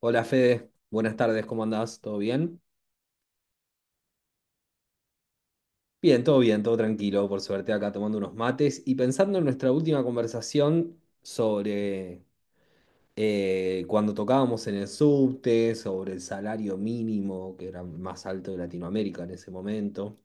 Hola Fede, buenas tardes, ¿cómo andás? ¿Todo bien? Bien, todo tranquilo, por suerte, acá tomando unos mates y pensando en nuestra última conversación sobre cuando tocábamos en el subte, sobre el salario mínimo, que era más alto de Latinoamérica en ese momento,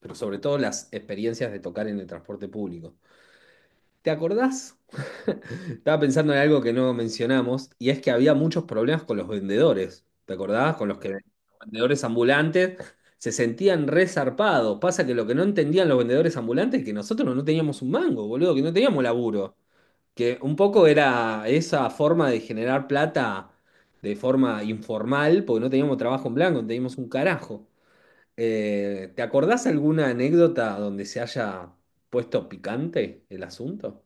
pero sobre todo las experiencias de tocar en el transporte público. ¿Te acordás? Estaba pensando en algo que no mencionamos, y es que había muchos problemas con los vendedores. ¿Te acordás? Con los que los vendedores ambulantes se sentían resarpados. Pasa que lo que no entendían los vendedores ambulantes es que nosotros no teníamos un mango, boludo, que no teníamos laburo. Que un poco era esa forma de generar plata de forma informal, porque no teníamos trabajo en blanco, no teníamos un carajo. ¿Te acordás alguna anécdota donde se haya puesto picante el asunto?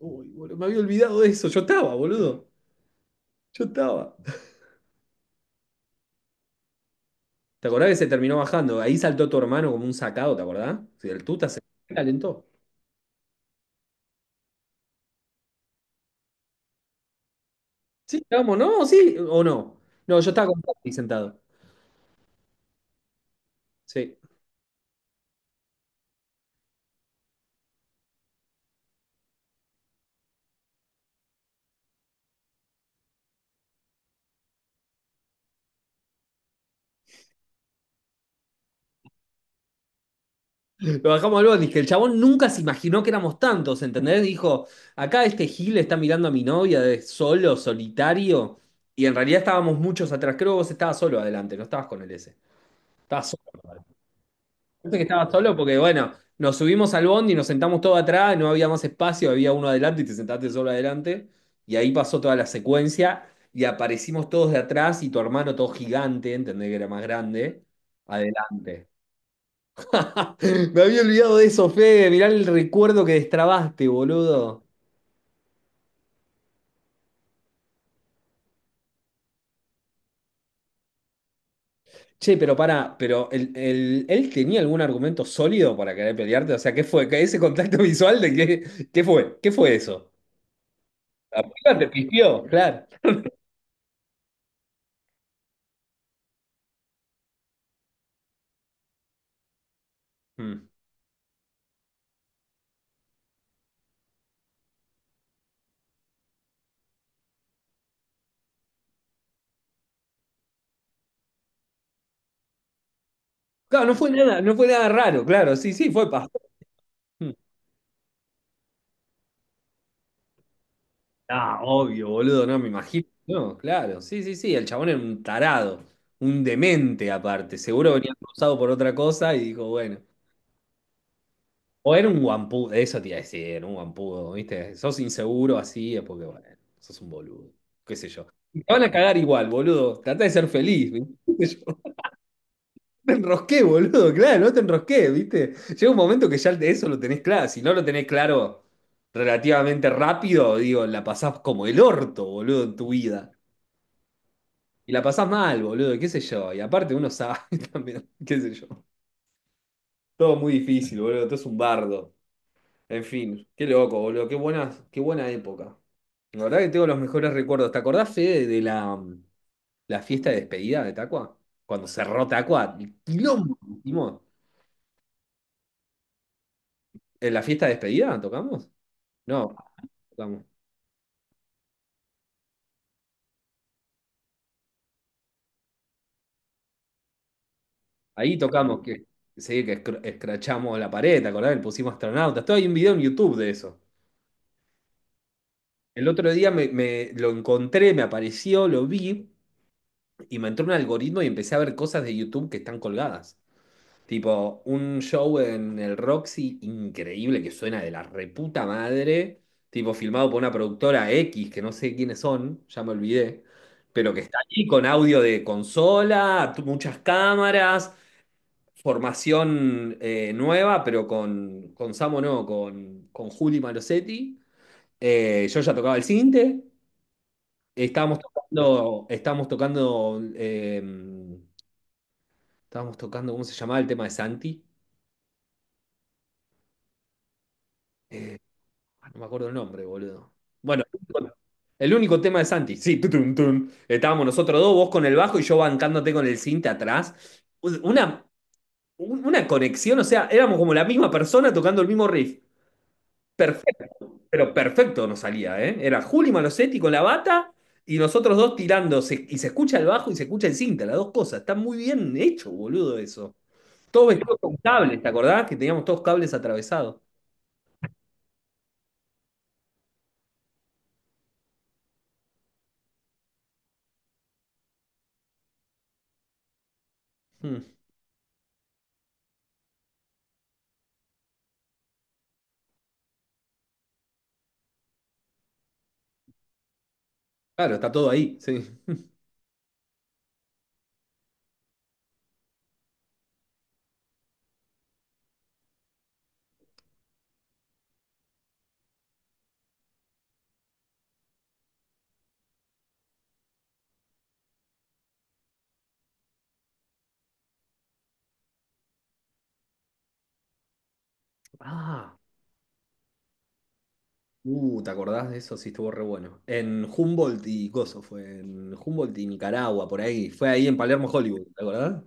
Uy, boludo, me había olvidado de eso. Yo estaba, boludo. Yo estaba. ¿Te acordás que se terminó bajando? Ahí saltó tu hermano como un sacado, ¿te acordás? Sí, el tuta se calentó. Sí, vamos, ¿no? Sí, o no. No, yo estaba con Tati sentado. Sí. Lo bajamos al bondi, que el chabón nunca se imaginó que éramos tantos, ¿entendés? Dijo, acá este Gil está mirando a mi novia de solo, solitario, y en realidad estábamos muchos atrás. Creo que vos estabas solo adelante, no estabas con el S. Estabas solo, ¿no? Parece que estaba solo porque, bueno, nos subimos al bondi y nos sentamos todos atrás, no había más espacio, había uno adelante y te sentaste solo adelante. Y ahí pasó toda la secuencia y aparecimos todos de atrás y tu hermano todo gigante, entendés que era más grande, adelante. Me había olvidado de eso, Fede, mirá el recuerdo que destrabaste, boludo. Che, pero pará, pero ¿él tenía algún argumento sólido para querer pelearte? O sea, ¿qué fue? ¿Ese contacto visual de qué, qué fue? ¿Qué fue eso? ¿La piba te pispió? Claro. Mm. Claro, no fue nada, no fue nada raro, claro, sí, sí, fue pastor. Mm. Ah, obvio, boludo, no me imagino. No, claro, sí, sí, sí, el chabón era un tarado, un demente aparte, seguro venía cruzado por otra cosa y dijo, bueno, o era un guampudo, eso te iba a decir, un guampudo, ¿viste? Sos inseguro así, es porque, bueno, sos un boludo, qué sé yo. Y te van a cagar igual, boludo, trata de ser feliz, ¿viste? Te enrosqué, boludo, claro, no te enrosqué, ¿viste? Llega un momento que ya de eso lo tenés claro. Si no lo tenés claro relativamente rápido, digo, la pasás como el orto, boludo, en tu vida. Y la pasás mal, boludo, qué sé yo. Y aparte uno sabe también, qué sé yo. Todo muy difícil, boludo, todo es un bardo. En fin, qué loco, boludo, qué buena época. La verdad que tengo los mejores recuerdos. ¿Te acordás, Fede, de la fiesta de despedida de Tacua? Cuando cerró Tacua, el quilombo que hicimos. ¿En la fiesta de despedida tocamos? No, tocamos. Ahí tocamos que, sí, que escrachamos la pared, ¿te acordás? Le pusimos astronautas. Todo hay un video en YouTube de eso. El otro día me lo encontré, me apareció, lo vi y me entró un algoritmo y empecé a ver cosas de YouTube que están colgadas. Tipo, un show en el Roxy increíble que suena de la reputa madre, tipo filmado por una productora X, que no sé quiénes son, ya me olvidé, pero que está ahí con audio de consola, muchas cámaras. Formación nueva, pero con Samo no, con Juli Malosetti. Yo ya tocaba el cinte. Estábamos tocando, estábamos tocando, ¿cómo se llamaba el tema de Santi? Eh, no me acuerdo el nombre, boludo. Bueno, el único tema de Santi, sí, tutun, tun. Estábamos nosotros dos, vos con el bajo y yo bancándote con el cinte atrás. Una, una conexión, o sea, éramos como la misma persona tocando el mismo riff. Pero perfecto nos salía, ¿eh? Era Juli Malosetti con la bata y nosotros dos tirando. Y se escucha el bajo y se escucha el cinta, las dos cosas. Está muy bien hecho, boludo, eso. Todos vestidos con cables, ¿te acordás? Que teníamos todos cables atravesados. Hmm. Claro, está todo ahí, sí. Ah, ¿te acordás de eso? Sí, estuvo re bueno. En Humboldt y Gozo fue. En Humboldt y Nicaragua, por ahí. Fue ahí en Palermo, Hollywood, ¿te acordás?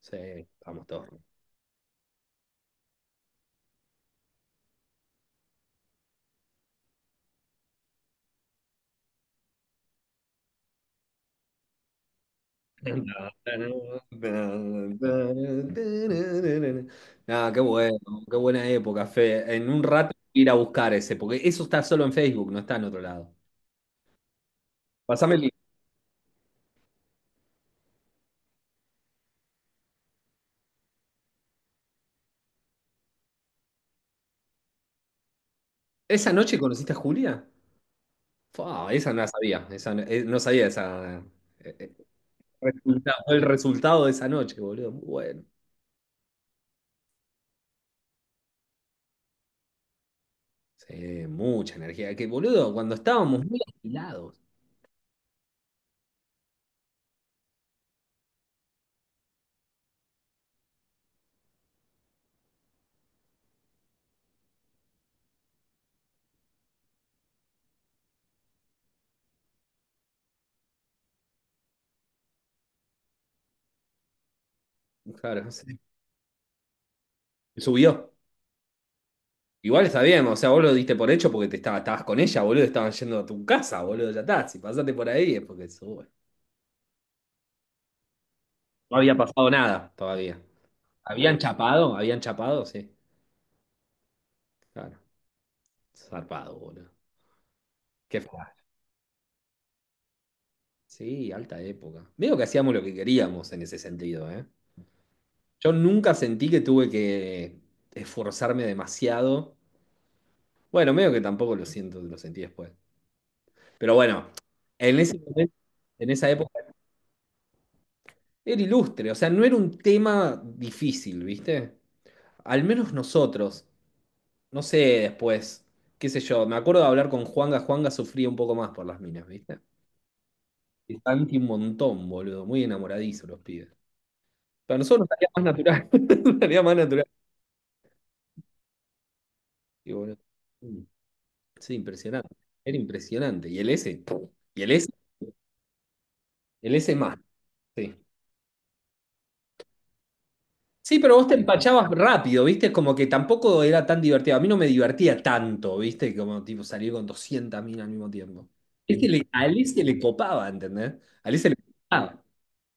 Sí, estábamos todos. Ah, qué bueno, qué buena época, Fe. En un rato voy a ir a buscar ese, porque eso está solo en Facebook, no está en otro lado. Pásame el link. ¿Esa noche conociste a Julia? Fua, esa no la sabía, esa no, no sabía esa, eh, eh, el resultado de esa noche, boludo. Muy bueno. Sí, mucha energía. Que, boludo, cuando estábamos muy agilados, claro, sí, subió. Igual está bien, o sea, vos lo diste por hecho porque te estaba, estabas con ella, boludo, estaban yendo a tu casa, boludo, ya está. Si pasaste por ahí es porque sube. No había pasado nada todavía. ¿Habían chapado? ¿Habían chapado? Sí, claro. Zarpado, boludo. Qué fla- Sí, alta época. Veo que hacíamos lo que queríamos en ese sentido, ¿eh? Yo nunca sentí que tuve que esforzarme demasiado. Bueno, medio que tampoco lo siento, lo sentí después. Pero bueno, en ese momento, en esa época, era ilustre, o sea, no era un tema difícil, ¿viste? Al menos nosotros. No sé después. Qué sé yo. Me acuerdo de hablar con Juanga. Juanga sufría un poco más por las minas, ¿viste? Y Santi un montón, boludo. Muy enamoradizo los pibes. Para nosotros nos salía más natural. Nos salía más natural. Y bueno, mm, sí, impresionante. Era impresionante. Y y el S, el S más. Sí. Sí, pero vos te empachabas rápido, ¿viste? Es como que tampoco era tan divertido. A mí no me divertía tanto, ¿viste? Como tipo salir con 200 minas al mismo tiempo. Es que a Alice se le copaba, ¿entendés? A Alice se le gustaba.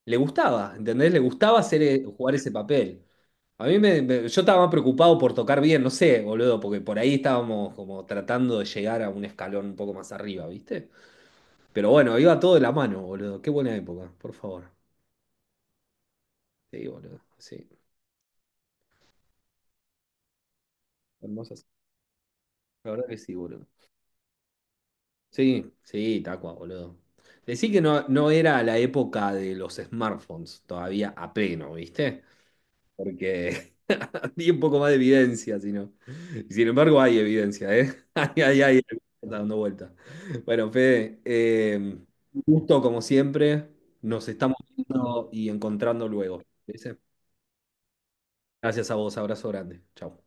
Le gustaba, ¿entendés? Le gustaba hacer, jugar ese papel. A mí yo estaba más preocupado por tocar bien, no sé, boludo, porque por ahí estábamos como tratando de llegar a un escalón un poco más arriba, ¿viste? Pero bueno, iba todo de la mano, boludo. Qué buena época, por favor. Sí, boludo. Sí, hermosas. La verdad que sí, boludo. Sí, sí, Tacua, boludo. Decí que no, no era la época de los smartphones todavía a pleno, ¿viste? Porque había un poco más de evidencia, si no. Y sin embargo, hay evidencia, ¿eh? Hay, está dando vuelta. Bueno, Fede, un gusto como siempre. Nos estamos viendo y encontrando luego, ¿te parece? Gracias a vos, abrazo grande. Chau.